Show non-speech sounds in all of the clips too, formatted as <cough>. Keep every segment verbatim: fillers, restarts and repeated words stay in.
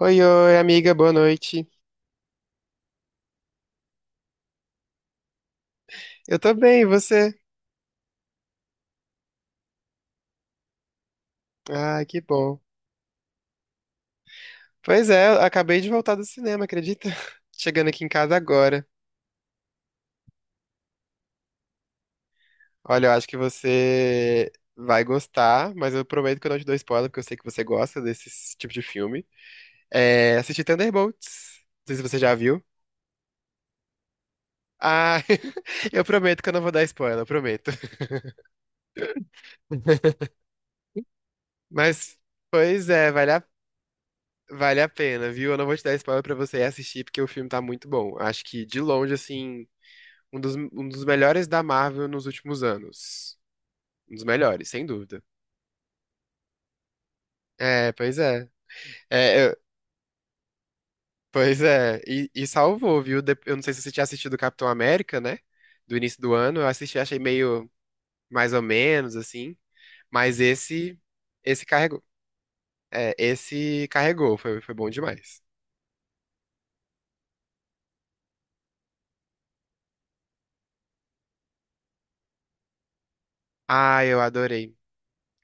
Oi, oi, amiga, boa noite. Eu tô bem, e você? Ah, que bom. Pois é, eu acabei de voltar do cinema, acredita? <laughs> Chegando aqui em casa agora. Olha, eu acho que você vai gostar, mas eu prometo que eu não te dou spoiler, porque eu sei que você gosta desse tipo de filme. É, assisti Thunderbolts. Não sei se você já viu. Ah, <laughs> eu prometo que eu não vou dar spoiler, eu prometo. Mas, pois é, vale a, vale a pena, viu? Eu não vou te dar spoiler pra você ir assistir, porque o filme tá muito bom. Acho que, de longe, assim. Um dos, um dos melhores da Marvel nos últimos anos. Um dos melhores, sem dúvida. É, pois é. É, eu- pois é. E, e salvou, viu? Dep- Eu não sei se você tinha assistido Capitão América, né? Do início do ano. Eu assisti, achei meio mais ou menos, assim. Mas esse, esse carregou. É, esse carregou. Foi, foi bom demais. Ah, eu adorei.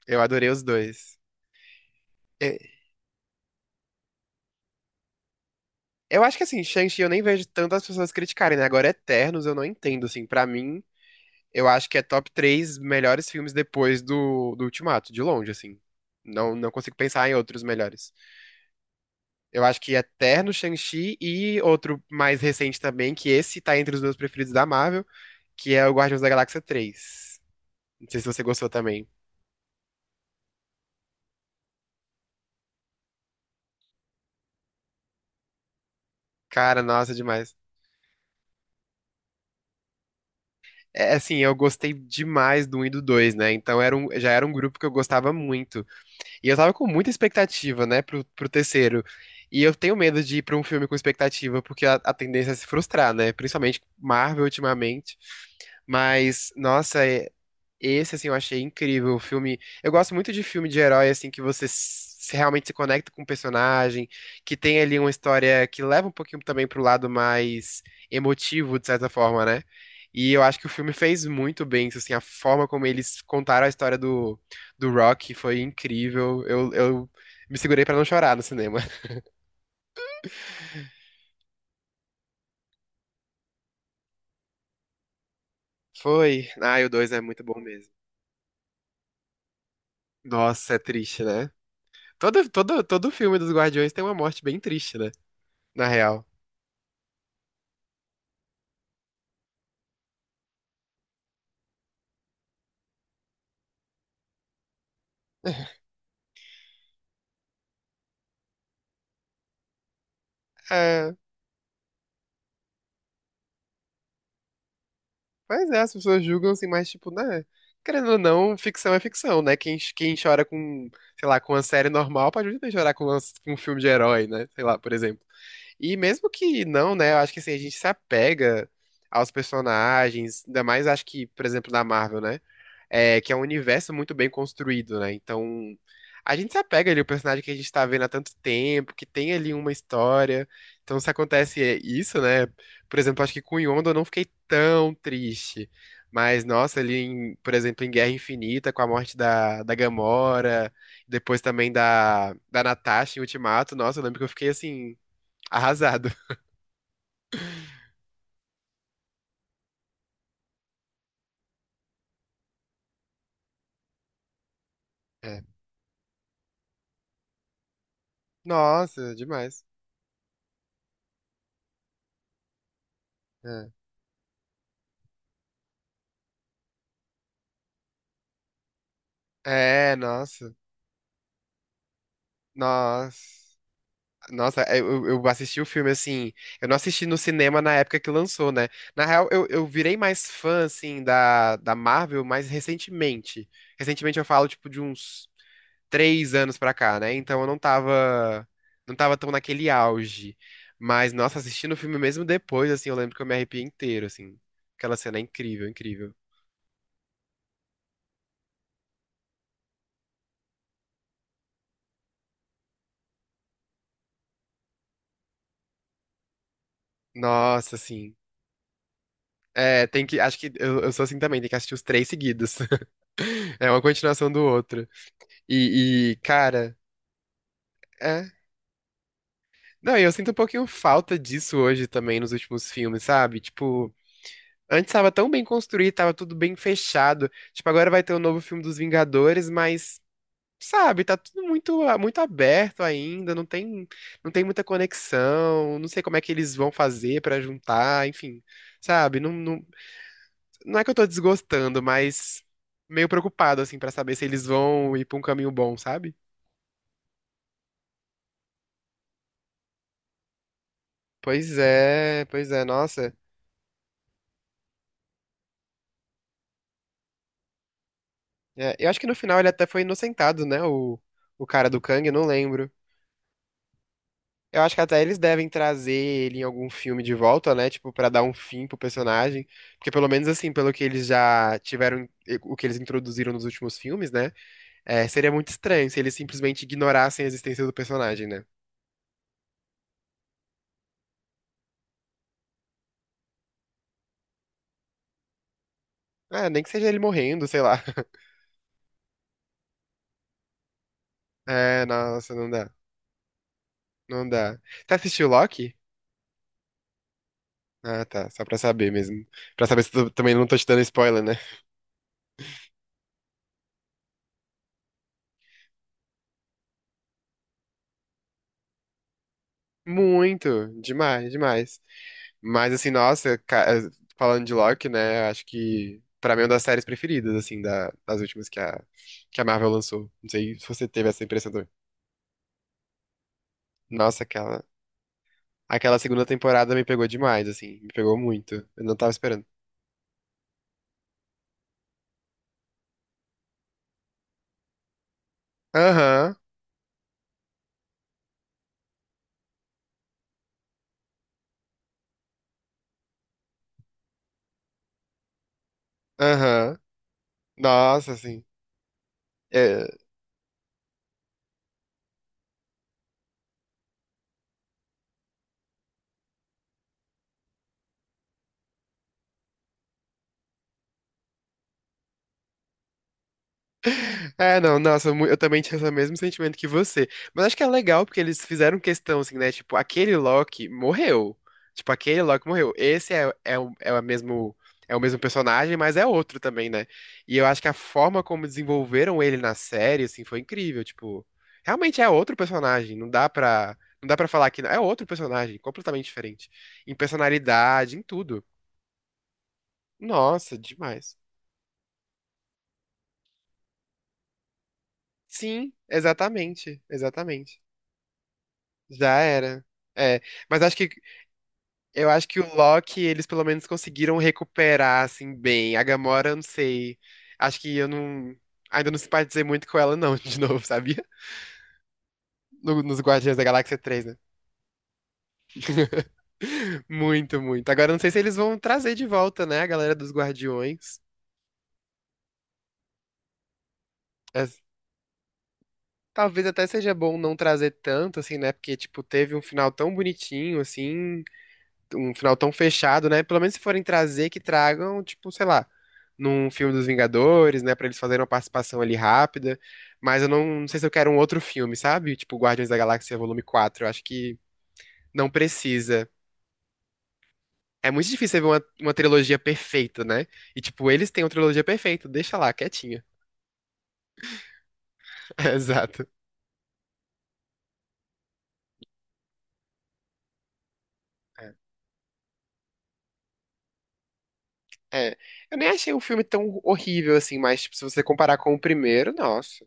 Eu adorei os dois. É, eu acho que assim, Shang-Chi eu nem vejo tantas pessoas criticarem, né? Agora Eternos eu não entendo, assim, pra mim. Eu acho que é top três melhores filmes depois do, do Ultimato, de longe, assim. Não, não consigo pensar em outros melhores. Eu acho que Eterno, Shang-Chi e outro mais recente também, que esse tá entre os meus preferidos da Marvel, que é o Guardiões da Galáxia três. Não sei se você gostou também. Cara, nossa, demais. É assim, eu gostei demais do um e do dois, né? Então era um, já era um grupo que eu gostava muito. E eu tava com muita expectativa, né, pro, pro terceiro. E eu tenho medo de ir pra um filme com expectativa, porque a, a tendência é se frustrar, né? Principalmente Marvel ultimamente. Mas, nossa, é- esse, assim, eu achei incrível. O filme. Eu gosto muito de filme de herói, assim, que você se- realmente se conecta com o personagem, que tem ali uma história que leva um pouquinho também pro lado mais emotivo, de certa forma, né? E eu acho que o filme fez muito bem, isso, assim, a forma como eles contaram a história do, do Rock foi incrível. Eu, eu me segurei pra não chorar no cinema. <laughs> Foi. Ah, e o dois é muito bom mesmo. Nossa, é triste, né? Todo, todo, todo filme dos Guardiões tem uma morte bem triste, né? Na real. É. Mas é, as pessoas julgam assim, mas tipo, né? Querendo ou não, ficção é ficção, né? Quem, quem chora com, sei lá, com uma série normal pode muito bem chorar com, uma- com um filme de herói, né? Sei lá, por exemplo. E mesmo que não, né? Eu acho que assim, a gente se apega aos personagens, ainda mais acho que, por exemplo, na Marvel, né? É, que é um universo muito bem construído, né? Então, a gente se apega ali ao personagem que a gente tá vendo há tanto tempo, que tem ali uma história. Então, se acontece é, isso, né? Por exemplo, acho que com Yondu eu não fiquei tão triste. Mas, nossa, ali, em- por exemplo, em Guerra Infinita, com a morte da, da Gamora, depois também da, da Natasha em Ultimato, nossa, eu lembro que eu fiquei, assim, arrasado. <laughs> É. Nossa, demais. É, É, nossa. Nossa. Nossa, é, eu, eu assisti o filme assim. Eu não assisti no cinema na época que lançou, né? Na real, eu, eu virei mais fã, assim, da, da Marvel mais recentemente. Recentemente eu falo, tipo, de uns três anos pra cá, né? Então eu não tava, não tava tão naquele auge. Mas, nossa, assistindo o filme mesmo depois, assim, eu lembro que eu me arrepiei inteiro, assim. Aquela cena é incrível, incrível. Nossa, assim. É, tem que. Acho que eu, eu sou assim também, tem que assistir os três seguidos. <laughs> É uma continuação do outro. E, e, cara. É. Não, e eu sinto um pouquinho falta disso hoje também nos últimos filmes, sabe? Tipo, antes tava tão bem construído, tava tudo bem fechado. Tipo, agora vai ter o novo filme dos Vingadores, mas, sabe, tá tudo muito, muito aberto ainda, não tem, não tem muita conexão, não sei como é que eles vão fazer pra juntar, enfim, sabe? Não, não, não é que eu tô desgostando, mas meio preocupado, assim, pra saber se eles vão ir pra um caminho bom, sabe? Pois é, pois é, nossa. É, eu acho que no final ele até foi inocentado, né? O, o cara do Kang, eu não lembro. Eu acho que até eles devem trazer ele em algum filme de volta, né? Tipo, pra dar um fim pro personagem. Porque pelo menos assim, pelo que eles já tiveram, o que eles introduziram nos últimos filmes, né? É, seria muito estranho se eles simplesmente ignorassem a existência do personagem, né? Ah, nem que seja ele morrendo, sei lá. <laughs> É, nossa, não dá. Não dá. Você assistiu Loki? Ah, tá. Só pra saber mesmo. Pra saber se tu também não tô te dando spoiler, né? Muito, demais, demais. Mas assim, nossa, ca- eh, falando de Loki, né, acho que pra mim é uma das séries preferidas, assim, da- das últimas que a, que a Marvel lançou. Não sei se você teve essa impressão também. Nossa, aquela, aquela segunda temporada me pegou demais, assim, me pegou muito. Eu não tava esperando. Aham, aham. Nossa, assim. é, É, não, nossa, mu- eu também tinha o mesmo sentimento que você. Mas acho que é legal porque eles fizeram questão, assim, né? Tipo, aquele Loki morreu. Tipo, aquele Loki morreu. Esse é, é, o, é, o mesmo, é o mesmo personagem, mas é outro também, né? E eu acho que a forma como desenvolveram ele na série, assim, foi incrível. Tipo, realmente é outro personagem. Não dá pra, não dá pra falar que não. É outro personagem, completamente diferente. Em personalidade, em tudo. Nossa, demais. Sim, exatamente, exatamente. Já era. É, mas acho que eu acho que o Loki eles pelo menos conseguiram recuperar assim bem. A Gamora, eu não sei. Acho que eu não ainda não simpatizei muito com ela não, <laughs> de novo, sabia? No- nos Guardiões da Galáxia três, né? <laughs> Muito, muito. Agora eu não sei se eles vão trazer de volta, né, a galera dos Guardiões. É, talvez até seja bom não trazer tanto assim, né? Porque tipo, teve um final tão bonitinho assim, um final tão fechado, né? Pelo menos se forem trazer, que tragam, tipo, sei lá, num filme dos Vingadores, né? Pra eles fazerem uma participação ali rápida. Mas eu não, não sei se eu quero um outro filme, sabe? Tipo, Guardiões da Galáxia Volume Quatro. Eu acho que não precisa. É muito difícil você ver uma, uma trilogia perfeita, né? E, tipo, eles têm uma trilogia perfeita, deixa lá, quietinha. <laughs> Exato. É. É. Eu nem achei o filme tão horrível assim, mas, tipo, se você comparar com o primeiro, nossa,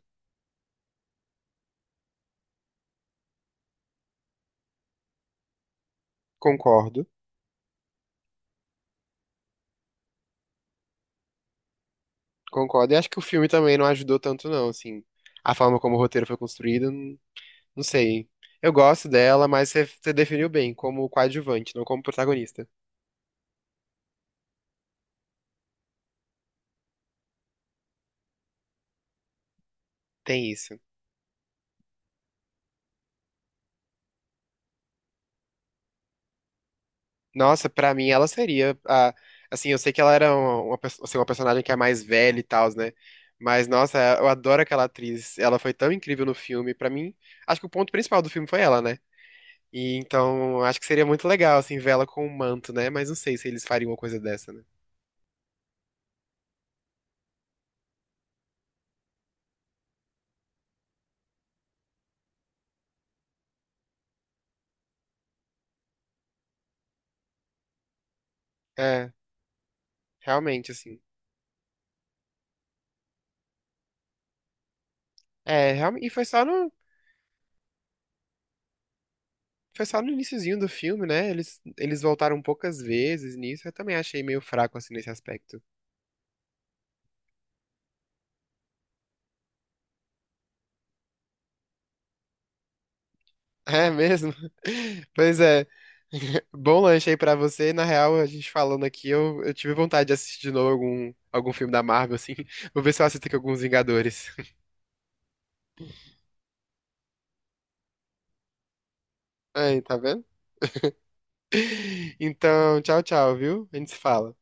concordo. Concordo. E acho que o filme também não ajudou tanto, não, assim. A forma como o roteiro foi construído, não não sei. Eu gosto dela, mas você você definiu bem, como coadjuvante, não como protagonista. Tem isso. Nossa, pra mim ela seria a- assim, eu sei que ela era uma, uma, perso- assim, uma personagem que é mais velha e tal, né? Mas, nossa, eu adoro aquela atriz. Ela foi tão incrível no filme. Pra mim, acho que o ponto principal do filme foi ela, né? E então, acho que seria muito legal, assim, vê-la com um manto, né? Mas não sei se eles fariam uma coisa dessa, né? É, realmente, assim. É, realmente, e foi só no, foi só no iniciozinho do filme, né? Eles, eles voltaram poucas vezes nisso. Eu também achei meio fraco, assim, nesse aspecto. É mesmo? <laughs> Pois é. <laughs> Bom lanche aí pra você. Na real, a gente falando aqui, eu, eu tive vontade de assistir de novo algum, algum filme da Marvel, assim. <laughs> Vou ver se eu assisto aqui alguns Vingadores. <laughs> Aí, tá vendo? <laughs> Então, tchau, tchau, viu? A gente se fala.